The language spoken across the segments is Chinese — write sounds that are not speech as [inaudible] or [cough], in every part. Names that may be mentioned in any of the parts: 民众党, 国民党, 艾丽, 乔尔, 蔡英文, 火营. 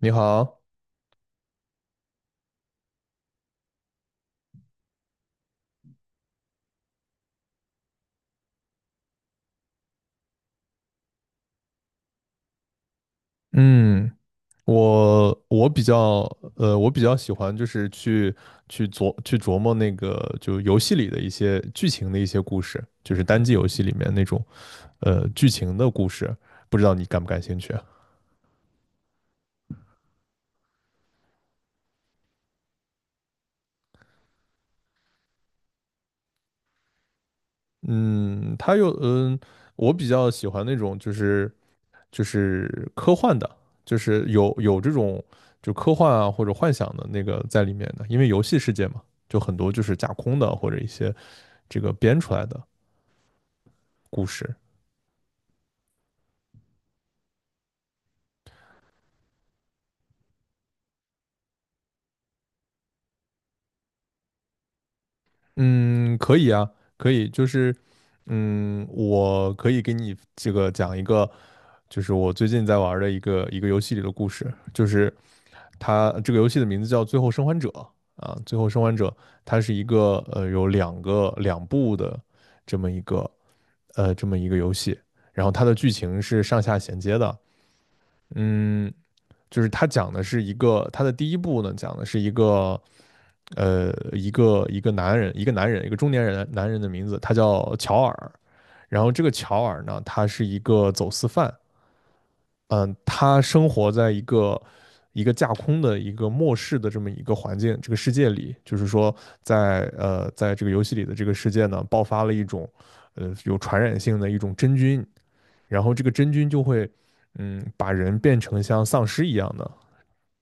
你好。嗯，我比较我比较喜欢就是去去琢磨那个就游戏里的一些剧情的一些故事，就是单机游戏里面那种剧情的故事，不知道你感不感兴趣啊？嗯，它有我比较喜欢那种就是科幻的，就是有这种就科幻啊或者幻想的那个在里面的，因为游戏世界嘛，就很多就是架空的或者一些这个编出来的故事。嗯，可以啊。可以，就是嗯，我可以给你这个讲一个，就是我最近在玩儿的一个游戏里的故事。就是它这个游戏的名字叫《最后生还者》啊，《最后生还者》它是一个有两部的这么一个这么一个游戏，然后它的剧情是上下衔接的。嗯，就是它讲的是它的第一部呢讲的是一个一个男人，一个中年人男人的名字，他叫乔尔。然后这个乔尔呢，他是一个走私犯。嗯，他生活在一个架空的一个末世的这么一个这个世界里。就是说在这个游戏里的这个世界呢，爆发了一种有传染性的一种真菌，然后这个真菌就会嗯把人变成像丧尸一样的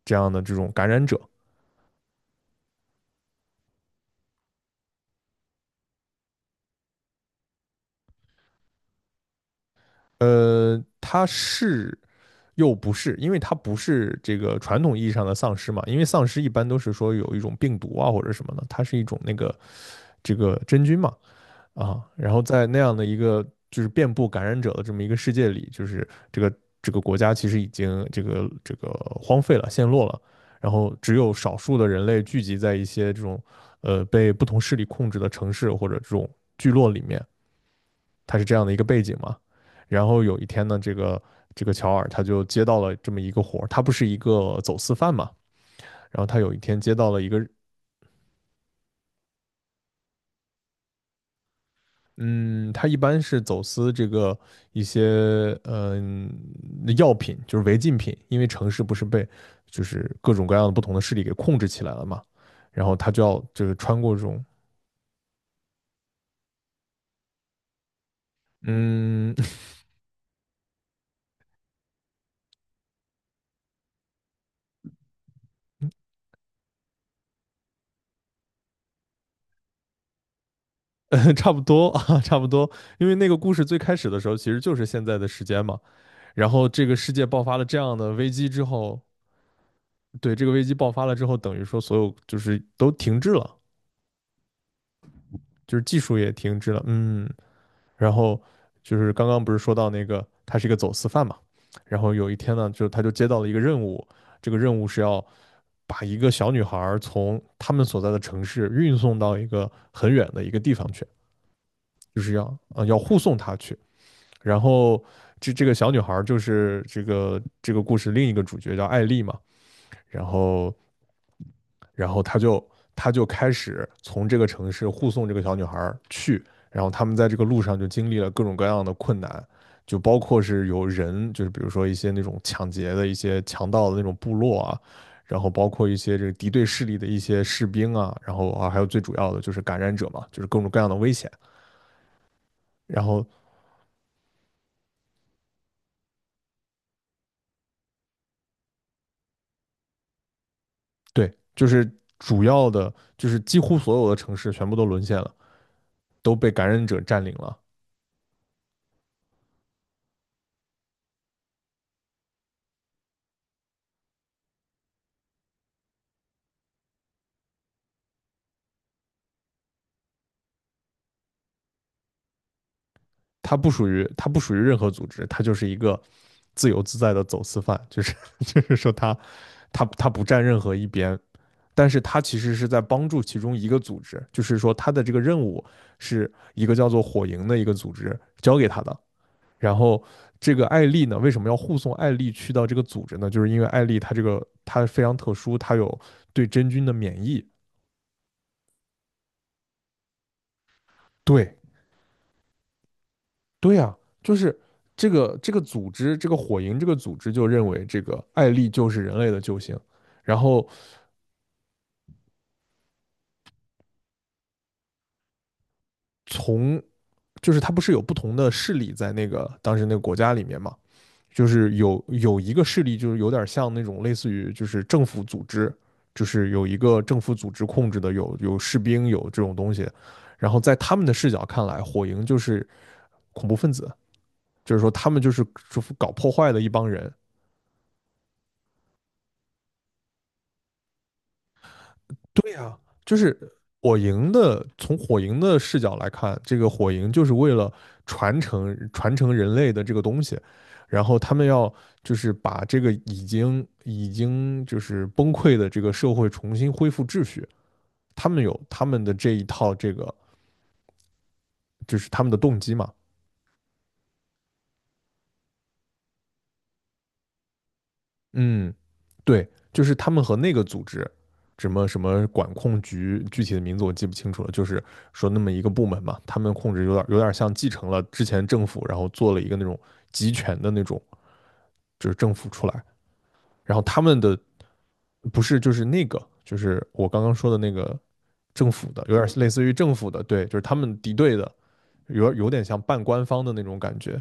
这种感染者。呃，他是不是，因为它不是这个传统意义上的丧尸嘛，因为丧尸一般都是说有一种病毒啊或者什么的，它是一种这个真菌嘛。啊，然后在那样的一个就是遍布感染者的这么一个世界里，就是这个国家其实已经荒废了、陷落了，然后只有少数的人类聚集在一些这种被不同势力控制的城市或者这种聚落里面，他是这样的一个背景嘛。然后有一天呢，这个这个乔尔他就接到了这么一个活,他不是一个走私犯嘛，然后他有一天接到了一个。嗯，他一般是走私这个一些药品，就是违禁品。因为城市不是被就是各种各样的不同的势力给控制起来了嘛，然后他就要就是穿过这种。嗯，[laughs] 差不多啊，差不多，因为那个故事最开始的时候其实就是现在的时间嘛，然后这个世界爆发了这样的危机之后，对，这个危机爆发了之后，等于说所有就是都停滞了，就是技术也停滞了。嗯，然后就是刚刚不是说到那个他是一个走私犯嘛，然后有一天呢，他就接到了一个任务，这个任务是要把一个小女孩儿从他们所在的城市运送到一个很远的一个地方去，就是要要护送她去，然后。这个小女孩儿就是这个这个故事另一个主角叫艾丽嘛，然后然后他就开始从这个城市护送这个小女孩去，然后他们在这个路上就经历了各种各样的困难，就包括是有人，就是比如说一些那种抢劫的一些强盗的那种部落啊，然后包括一些这个敌对势力的一些士兵啊，然后啊还有最主要的就是感染者嘛，就是各种各样的危险，然后对，就是主要的就是几乎所有的城市全部都沦陷了，都被感染者占领了。他不属于任何组织，他就是一个自由自在的走私犯，就是 [laughs] 就是说他他不站任何一边，但是他其实是在帮助其中一个组织，就是说他的这个任务是一个叫做火营的一个组织交给他的。然后这个艾丽呢，为什么要护送艾丽去到这个组织呢？就是因为艾丽她这个她非常特殊，她有对真菌的免疫。对，对呀，就是这个组织，这个火营这个组织就认为这个艾丽就是人类的救星，然后从就是它不是有不同的势力在那个当时那个国家里面嘛，就是有一个势力就是有点像那种类似于就是政府组织，就是有一个政府组织控制的有士兵有这种东西，然后在他们的视角看来，火营就是恐怖分子，就是说他们就是搞破坏的一帮人。对呀，就是火营的，从火营的视角来看，这个火营就是为了传承人类的这个东西，然后他们要就是把这个已经就是崩溃的这个社会重新恢复秩序，他们有他们的这一套就是他们的动机嘛。嗯，对，就是他们和那个组织，什么什么管控局，具体的名字我记不清楚了，就是说那么一个部门嘛，他们控制有点像继承了之前政府，然后做了一个那种集权的那种，就是政府出来，然后他们的不是就是那个，就是我刚刚说的那个政府的，有点类似于政府的，对，就是他们敌对的，有点像半官方的那种感觉，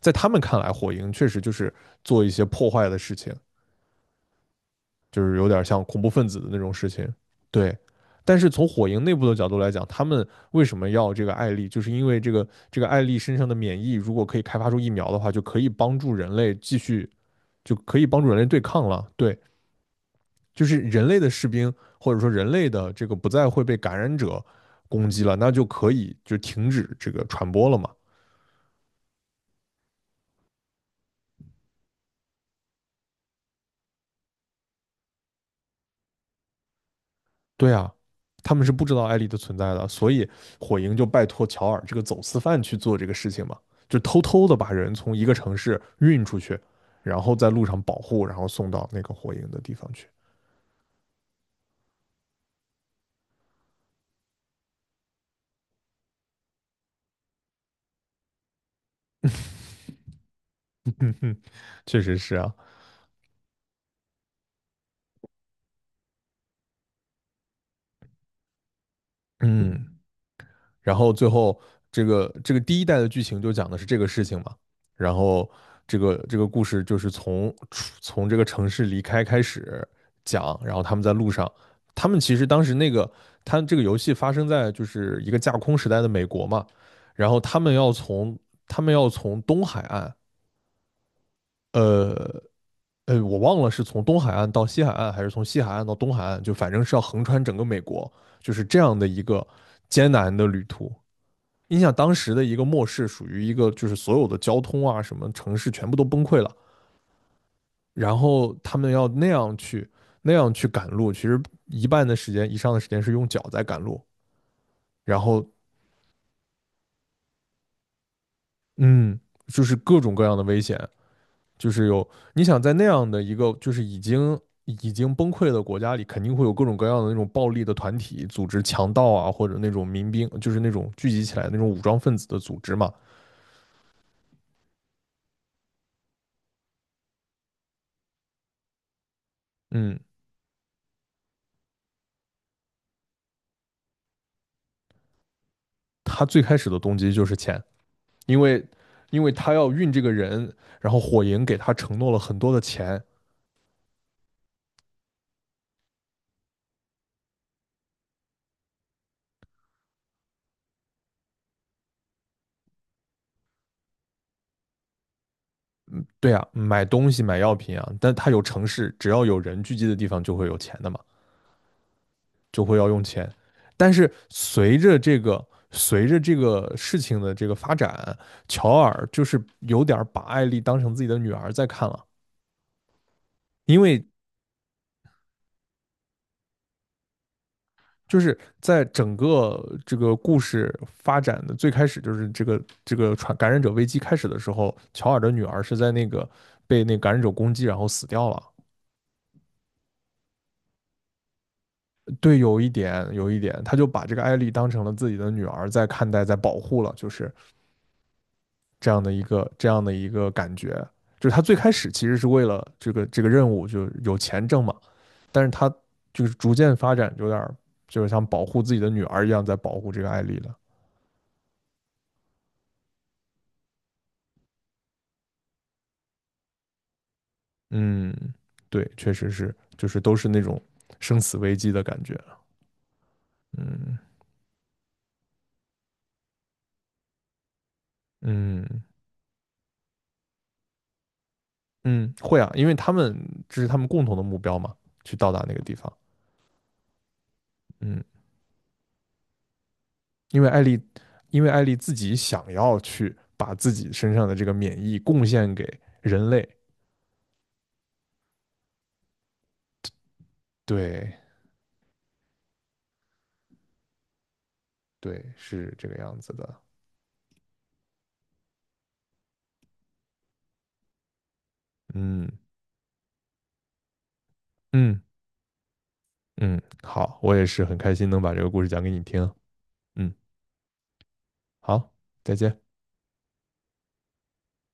在他们看来，火影确实就是做一些破坏的事情。就是有点像恐怖分子的那种事情。对，但是从火影内部的角度来讲，他们为什么要这个艾丽，就是因为这个这个艾丽身上的免疫，如果可以开发出疫苗的话，就可以帮助人类继续，就可以帮助人类对抗了。对，就是人类的士兵或者说人类的这个不再会被感染者攻击了，那就可以就停止这个传播了嘛。对啊，他们是不知道艾丽的存在的，所以火营就拜托乔尔这个走私犯去做这个事情嘛，就偷偷的把人从一个城市运出去，然后在路上保护，然后送到那个火营的地方去。[laughs] 嗯哼，确实是啊。嗯，然后最后这个这个第一代的剧情就讲的是这个事情嘛，然后这个这个故事就是从从这个城市离开开始讲，然后他们在路上，他们其实当时那个他这个游戏发生在就是一个架空时代的美国嘛，然后他们要从东海岸，呃。呃，我忘了是从东海岸到西海岸，还是从西海岸到东海岸，就反正是要横穿整个美国，就是这样的一个艰难的旅途。你想当时的一个末世，属于一个就是所有的交通啊，什么城市全部都崩溃了，然后他们要那样去赶路，其实一半的时间以上的时间是用脚在赶路，然后嗯，就是各种各样的危险，就是有你想在那样的一个就是已经崩溃的国家里，肯定会有各种各样的那种暴力的团体组织、强盗啊，或者那种民兵，就是那种聚集起来那种武装分子的组织嘛。嗯，他最开始的动机就是钱。因为因为他要运这个人，然后火营给他承诺了很多的钱。嗯，对啊，买东西买药品啊，但他有城市，只要有人聚集的地方就会有钱的嘛，就会要用钱。但是随着这个事情的这个发展，乔尔就是有点把艾丽当成自己的女儿在看了，因为就是在整个这个故事发展的最开始，就是这个传感染者危机开始的时候，乔尔的女儿是在那个被那感染者攻击，然后死掉了。对，有一点，有一点，他就把这个艾丽当成了自己的女儿在看待，在保护了，就是这样的一个感觉。就是他最开始其实是为了这个任务，就有钱挣嘛，但是他就是逐渐发展，有点就是像保护自己的女儿一样，在保护这个艾丽了。嗯，对，确实是，就是都是那种生死危机的感觉啊。嗯嗯嗯，会啊，因为他们这是他们共同的目标嘛，去到达那个地方。嗯，因为艾丽，因为艾丽自己想要去把自己身上的这个免疫贡献给人类。对对，是这个样子的。嗯嗯嗯，好，我也是很开心能把这个故事讲给你听啊。嗯，好，再见。